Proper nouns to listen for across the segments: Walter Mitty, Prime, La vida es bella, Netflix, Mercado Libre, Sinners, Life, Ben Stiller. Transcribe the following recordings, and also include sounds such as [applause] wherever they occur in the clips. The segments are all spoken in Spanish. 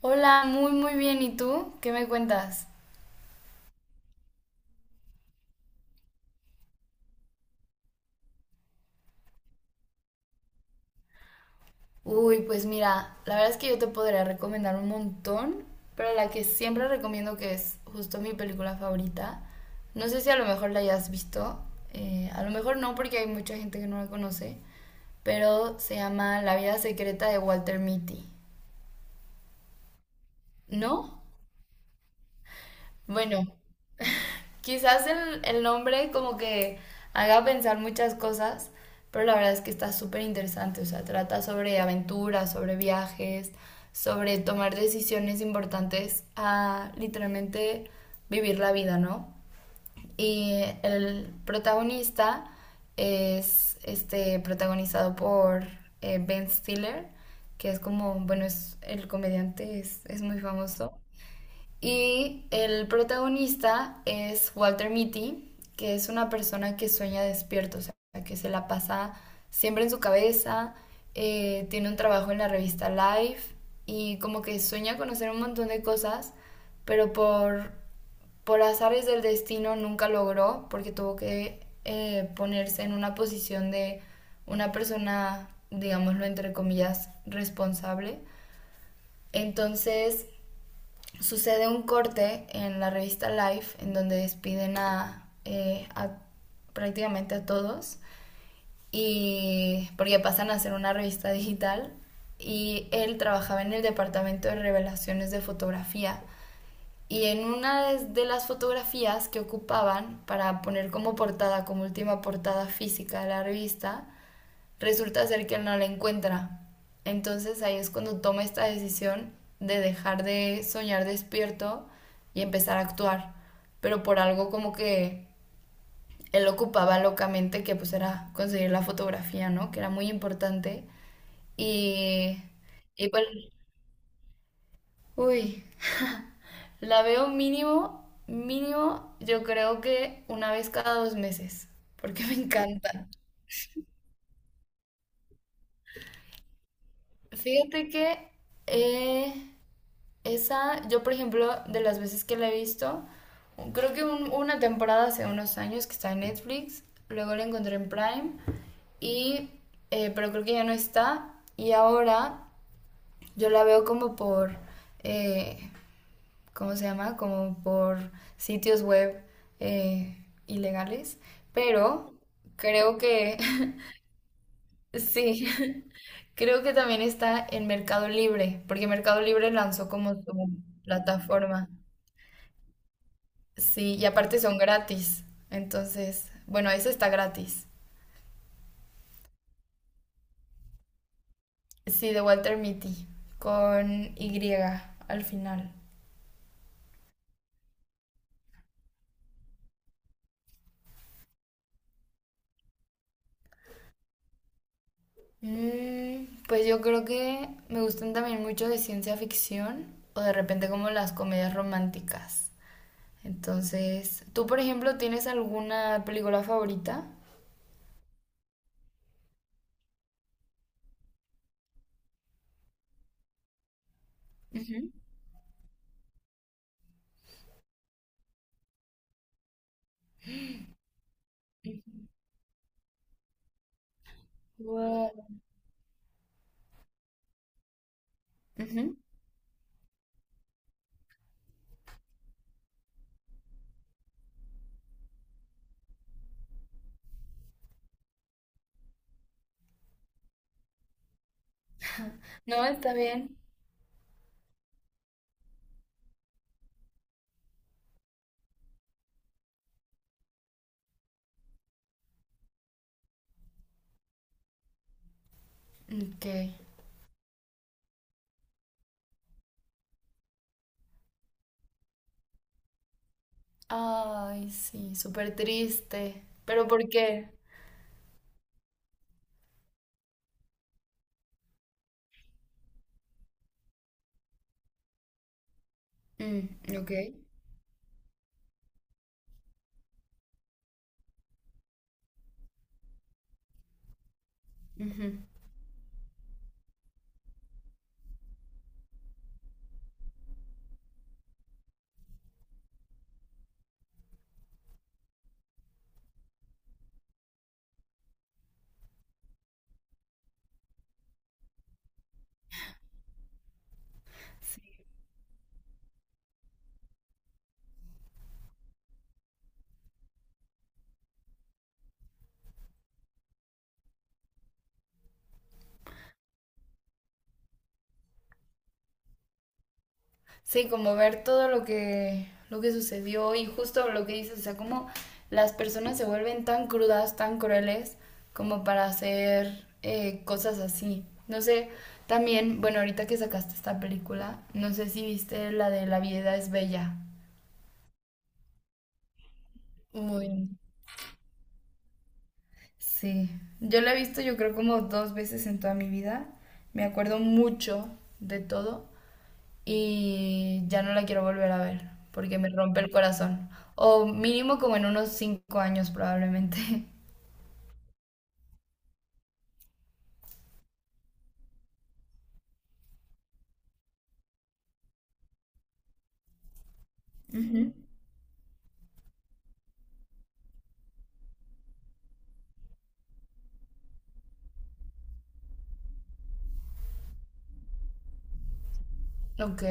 Hola, muy muy bien. ¿Y tú? ¿Qué me cuentas? Uy, pues mira, la verdad es que yo te podría recomendar un montón, pero la que siempre recomiendo que es justo mi película favorita. No sé si a lo mejor la hayas visto, a lo mejor no porque hay mucha gente que no la conoce, pero se llama La vida secreta de Walter Mitty. ¿No? Bueno, quizás el nombre como que haga pensar muchas cosas, pero la verdad es que está súper interesante, o sea, trata sobre aventuras, sobre viajes, sobre tomar decisiones importantes a literalmente vivir la vida, ¿no? Y el protagonista es este, protagonizado por Ben Stiller, que es como, bueno, es el comediante, es muy famoso. Y el protagonista es Walter Mitty, que es una persona que sueña despierto, o sea, que se la pasa siempre en su cabeza, tiene un trabajo en la revista Life y como que sueña conocer un montón de cosas, pero por azares del destino nunca logró porque tuvo que ponerse en una posición de una persona, digámoslo entre comillas, responsable. Entonces sucede un corte en la revista Life en donde despiden a prácticamente a todos y porque pasan a ser una revista digital y él trabajaba en el departamento de revelaciones de fotografía y en una de las fotografías que ocupaban para poner como portada, como última portada física de la revista, resulta ser que no la encuentra. Entonces ahí es cuando toma esta decisión de dejar de soñar despierto y empezar a actuar, pero por algo como que él ocupaba locamente que pues era conseguir la fotografía, ¿no? Que era muy importante y y pues uy, la veo mínimo mínimo yo creo que una vez cada 2 meses, porque [laughs] me encanta. Fíjate que eh, Esa, yo por ejemplo, de las veces que la he visto, creo que una temporada hace unos años que está en Netflix, luego la encontré en Prime, y, pero creo que ya no está, y ahora yo la veo como por, eh, ¿cómo se llama? Como por sitios web eh, ilegales, pero creo que, [laughs] sí, [laughs] creo que también está en Mercado Libre, porque Mercado Libre lanzó como su plataforma. Sí, y aparte son gratis. Entonces, bueno, eso está gratis. Sí, de Walter Mitty, con Y al final. Mm, pues yo creo que me gustan también mucho de ciencia ficción o de repente como las comedias románticas. Entonces, ¿tú, por ejemplo, tienes alguna película favorita? Ujú. Guau. Ujú. No, está bien. Ok. Ay, sí, súper triste. ¿Pero por qué? Mm, ok. Ujú. Sí. Sí, como ver todo lo que, sucedió y justo lo que dices, o sea, como las personas se vuelven tan crudas, tan crueles, como para hacer cosas así. No sé, también, bueno, ahorita que sacaste esta película, no sé si viste la de La vida es bella. Muy, sí. Yo la he visto, yo creo, como 2 veces en toda mi vida. Me acuerdo mucho de todo, y ya no la quiero volver a ver porque me rompe el corazón. O mínimo como en unos 5 años probablemente. [laughs] Ujú, ok.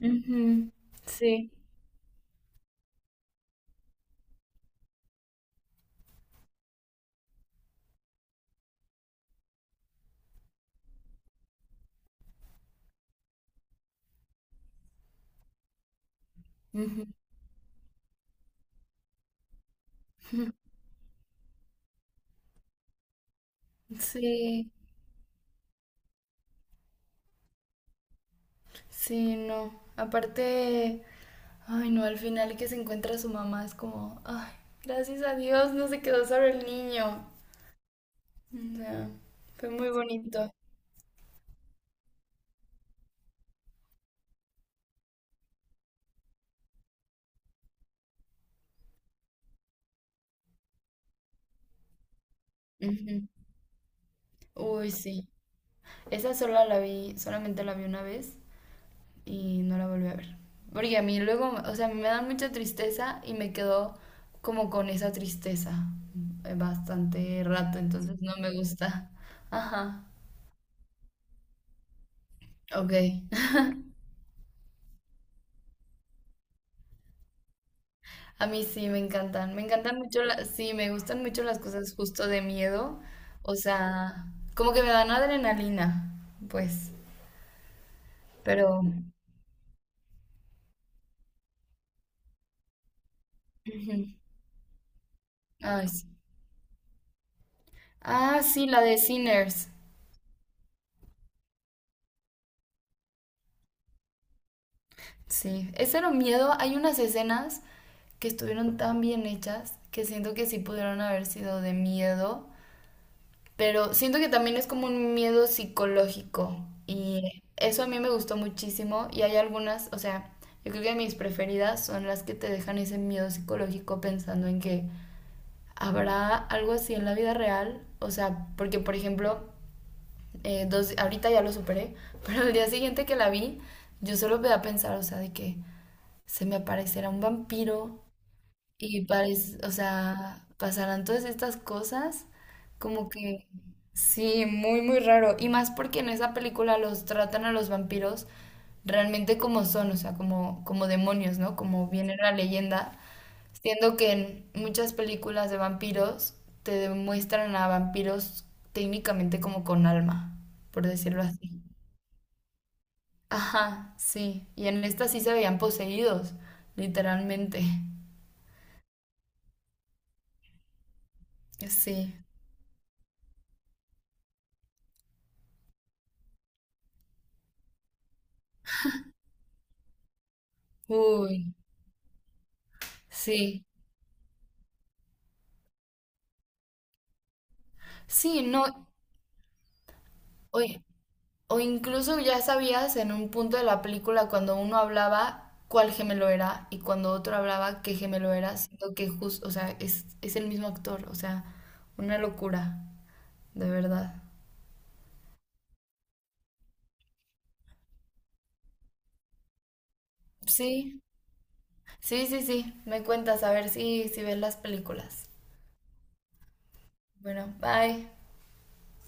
Ujú. Sí. Ujú. [laughs] Sí, sí, no. Aparte, ay no, al final que se encuentra su mamá es como, ay, gracias a Dios no se quedó solo el niño. O sea, fue muy bonito. Ujú. Uy, sí. Esa sola la vi, solamente la vi una vez y no la volví a ver. Porque a mí luego, o sea, me da mucha tristeza y me quedo como con esa tristeza bastante rato, entonces no me gusta. Ajá. Ok. [laughs] A mí sí me encantan. Me encantan mucho las, sí, me gustan mucho las cosas justo de miedo. O sea, como que me dan adrenalina, pues. Pero ujú. Ay, sí. Ah, sí, la de Sinners. Sí, ese era un miedo. Hay unas escenas que estuvieron tan bien hechas que siento que sí pudieron haber sido de miedo, pero siento que también es como un miedo psicológico y eso a mí me gustó muchísimo y hay algunas, o sea, yo creo que mis preferidas son las que te dejan ese miedo psicológico pensando en que habrá algo así en la vida real, o sea, porque por ejemplo, dos, ahorita ya lo superé, [laughs] pero el día siguiente que la vi, yo solo me da a pensar, o sea, de que se me aparecerá un vampiro y parece, o sea, pasarán todas estas cosas, como que sí, muy, muy raro. Y más porque en esa película los tratan a los vampiros realmente como son, o sea, como demonios, ¿no? Como viene la leyenda. Siendo que en muchas películas de vampiros te demuestran a vampiros técnicamente como con alma, por decirlo así. Ajá, sí. Y en esta sí se veían poseídos, literalmente. Sí. Uy, sí. Sí, no, o, o incluso ya sabías en un punto de la película cuando uno hablaba cuál gemelo era y cuando otro hablaba qué gemelo era, siendo que justo, o sea, es el mismo actor, o sea, una locura, de verdad. Sí, sí, sí, sí, me cuentas a ver si ves las películas. Bueno, bye.